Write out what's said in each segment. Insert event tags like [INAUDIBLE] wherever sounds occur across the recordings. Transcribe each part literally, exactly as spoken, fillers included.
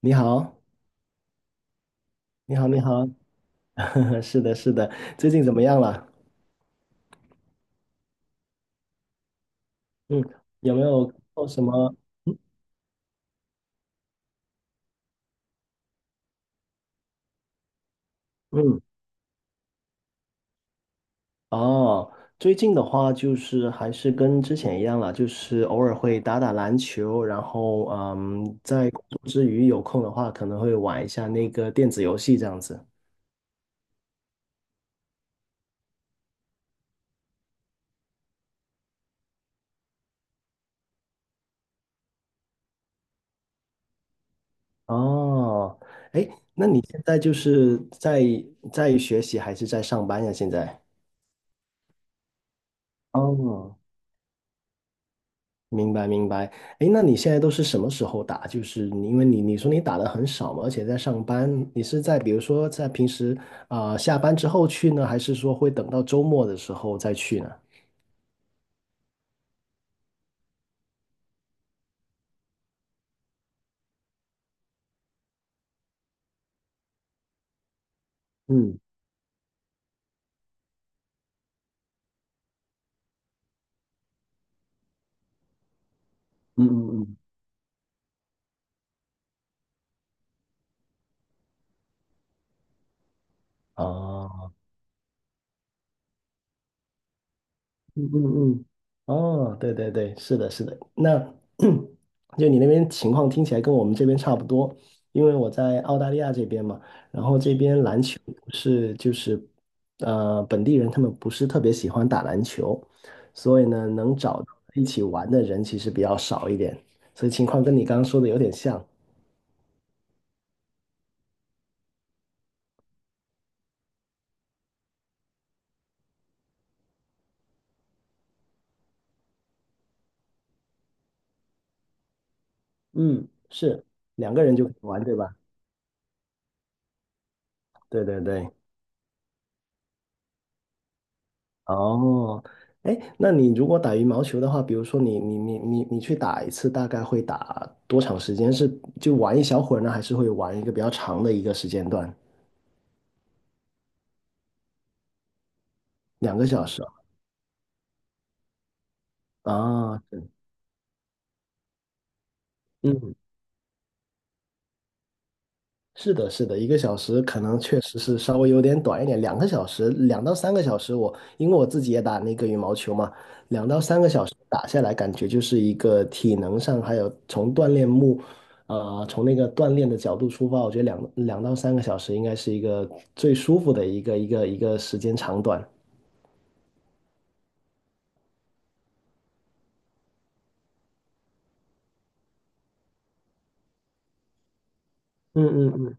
你好，你好，你好，[LAUGHS] 是的，是的，最近怎么样了？嗯，有没有做什么？嗯，哦，最近的话就是还是跟之前一样了，就是偶尔会打打篮球，然后嗯，在工作之余有空的话，可能会玩一下那个电子游戏这样子。哦，哎，那你现在就是在在学习还是在上班呀？现在？哦，明白明白，哎，那你现在都是什么时候打？就是你，因为你你说你打的很少嘛，而且在上班，你是在比如说在平时啊、下班之后去呢，还是说会等到周末的时候再去呢？嗯嗯嗯嗯。哦。嗯嗯嗯，哦，对对对，是的，是的。那 [CLEARS THROAT] 就你那边情况听起来跟我们这边差不多，因为我在澳大利亚这边嘛，然后这边篮球不是就是呃本地人他们不是特别喜欢打篮球，所以呢能找到一起玩的人其实比较少一点，所以情况跟你刚刚说的有点像。嗯，是两个人就可以玩，对吧？对对对。哦，哎，那你如果打羽毛球的话，比如说你你你你你去打一次，大概会打多长时间？是就玩一小会儿呢，还是会玩一个比较长的一个时间段？两个小时啊？啊，嗯是的，是的，一个小时可能确实是稍微有点短一点，两个小时，两到三个小时我，因为我自己也打那个羽毛球嘛，两到三个小时打下来，感觉就是一个体能上，还有从锻炼目，呃，从那个锻炼的角度出发，我觉得两两到三个小时应该是一个最舒服的一个一个一个时间长短。嗯嗯嗯。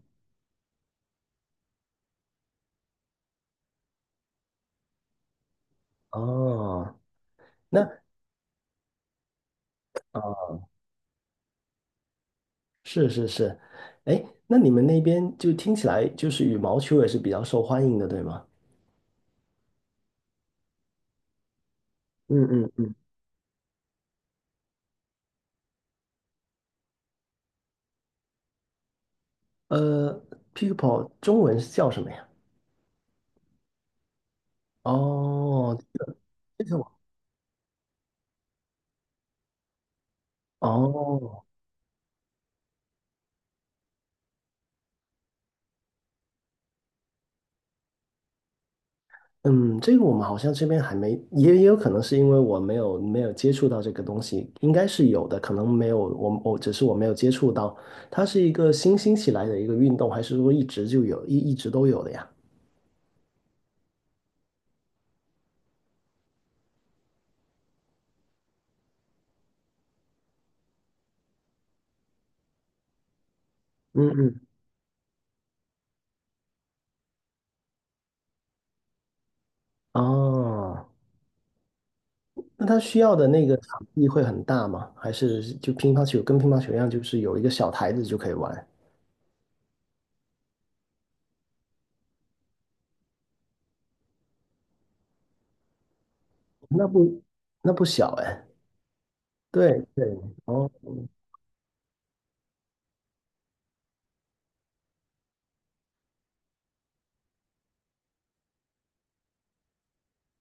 哦，那是是是，哎，那你们那边就听起来就是羽毛球也是比较受欢迎的，对吗？嗯嗯嗯，呃 p i c k l e 中文是叫什么呀？哦，这个我哦，嗯，这个我们好像这边还没，也也有可能是因为我没有没有接触到这个东西，应该是有的，可能没有，我我只是我没有接触到，它是一个新兴起来的一个运动，还是说一直就有，一一直都有的呀？嗯嗯，哦，那它需要的那个场地会很大吗？还是就乒乓球跟乒乓球一样，就是有一个小台子就可以玩？那不那不小哎。对对，哦，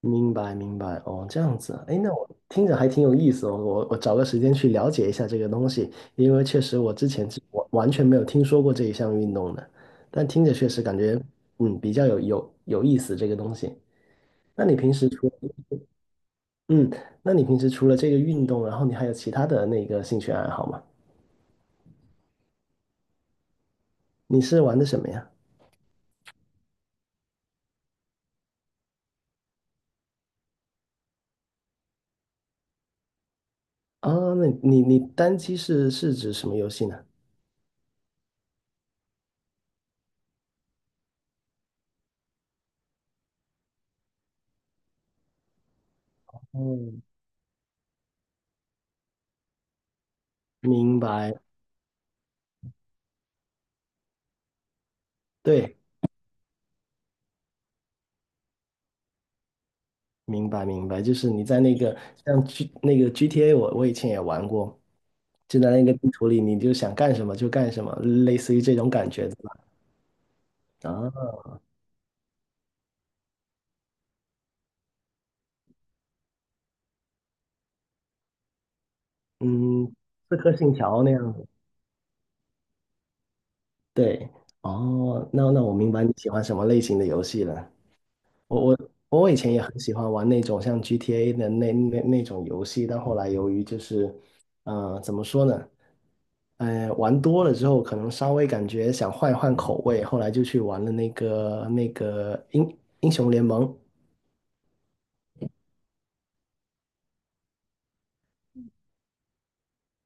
明白明白，哦，这样子啊，哎，那我听着还挺有意思哦，我我找个时间去了解一下这个东西，因为确实我之前是完完全没有听说过这一项运动的，但听着确实感觉，嗯，比较有有有意思这个东西。那你平时除了，嗯，那你平时除了这个运动，然后你还有其他的那个兴趣爱好吗？你是玩的什么呀？啊，那你你单机是是指什么游戏呢？嗯，明白，对。明白明白，就是你在那个像 G 那个 G T A，我我以前也玩过，就在那个地图里，你就想干什么就干什么，类似于这种感觉，对吧？啊，嗯，刺客信条那样子。对，哦，那那我明白你喜欢什么类型的游戏了。我我我以前也很喜欢玩那种像 G T A 的那那那种游戏，但后来由于就是，呃，怎么说呢？呃，玩多了之后，可能稍微感觉想换一换口味，后来就去玩了那个那个英英雄联盟。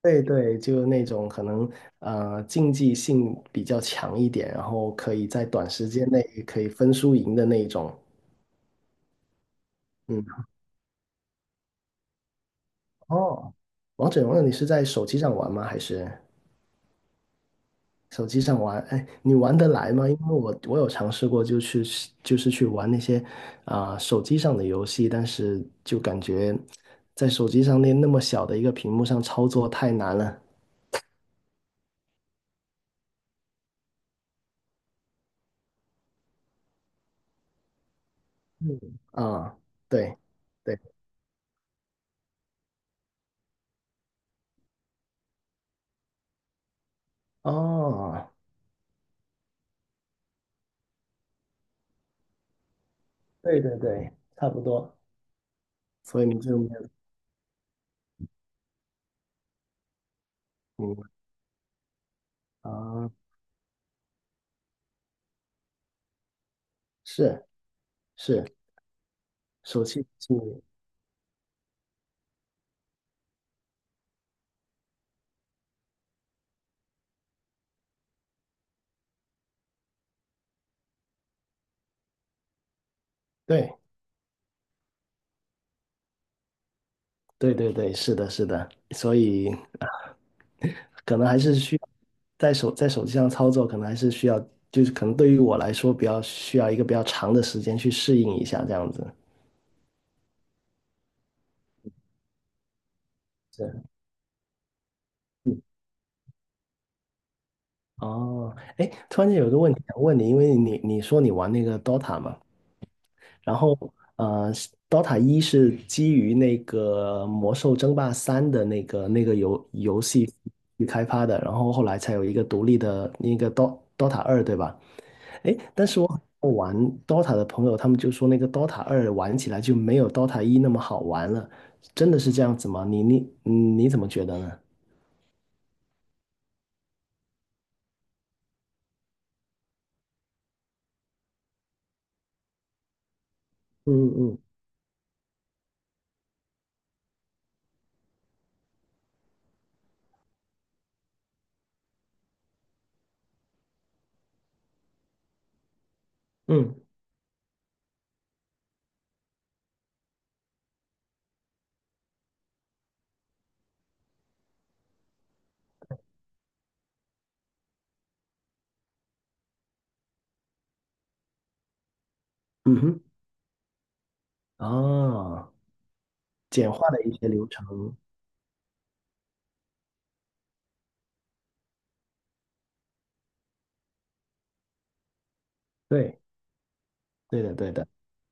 对对，就那种可能呃竞技性比较强一点，然后可以在短时间内可以分输赢的那一种。嗯，哦，王者荣耀你是在手机上玩吗？还是？手机上玩，哎，你玩得来吗？因为我我有尝试过，就去就是去玩那些啊、手机上的游戏，但是就感觉在手机上那那么小的一个屏幕上操作太难了啊、对对，哦，对对对，差不多。所以你就没有听过啊？是是，手机是，对。对对对，是的，是的，所以啊可能还是需要在手在手机上操作，可能还是需要，就是可能对于我来说，比较需要一个比较长的时间去适应一下这样子。是，嗯哦，哎，突然间有一个问题想问你，因为你你说你玩那个 Dota 嘛，然后呃，Dota 一是基于那个《魔兽争霸三》的那个那个游游戏去开发的，然后后来才有一个独立的那个 d o Dota 二，对吧？诶，但是我我玩 D O T A 的朋友，他们就说那个 D O T A 二玩起来就没有 D O T A 一那么好玩了，真的是这样子吗？你你嗯你怎么觉得呢？嗯嗯嗯嗯哼，啊，简化了一些流程，对对的对的，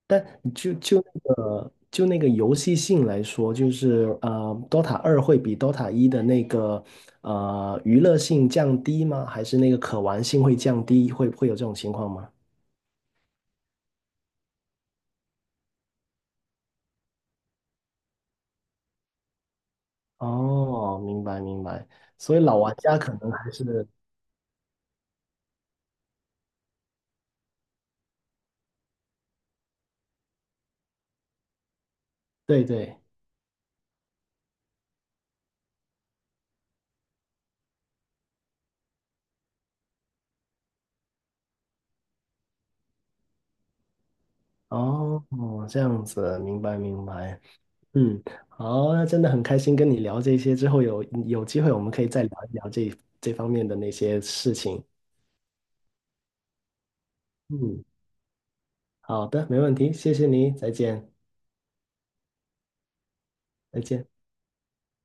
但就就那个就那个游戏性来说，就是呃，D O T A 二会比 D O T A 一的那个呃娱乐性降低吗？还是那个可玩性会降低？会会有这种情况吗？哦，明白明白，所以老玩家可能还是对对，哦，这样子，明白明白，嗯，好，那真的很开心跟你聊这些，之后有有机会我们可以再聊一聊这这方面的那些事情，嗯，好的，没问题，谢谢你，再见，再见。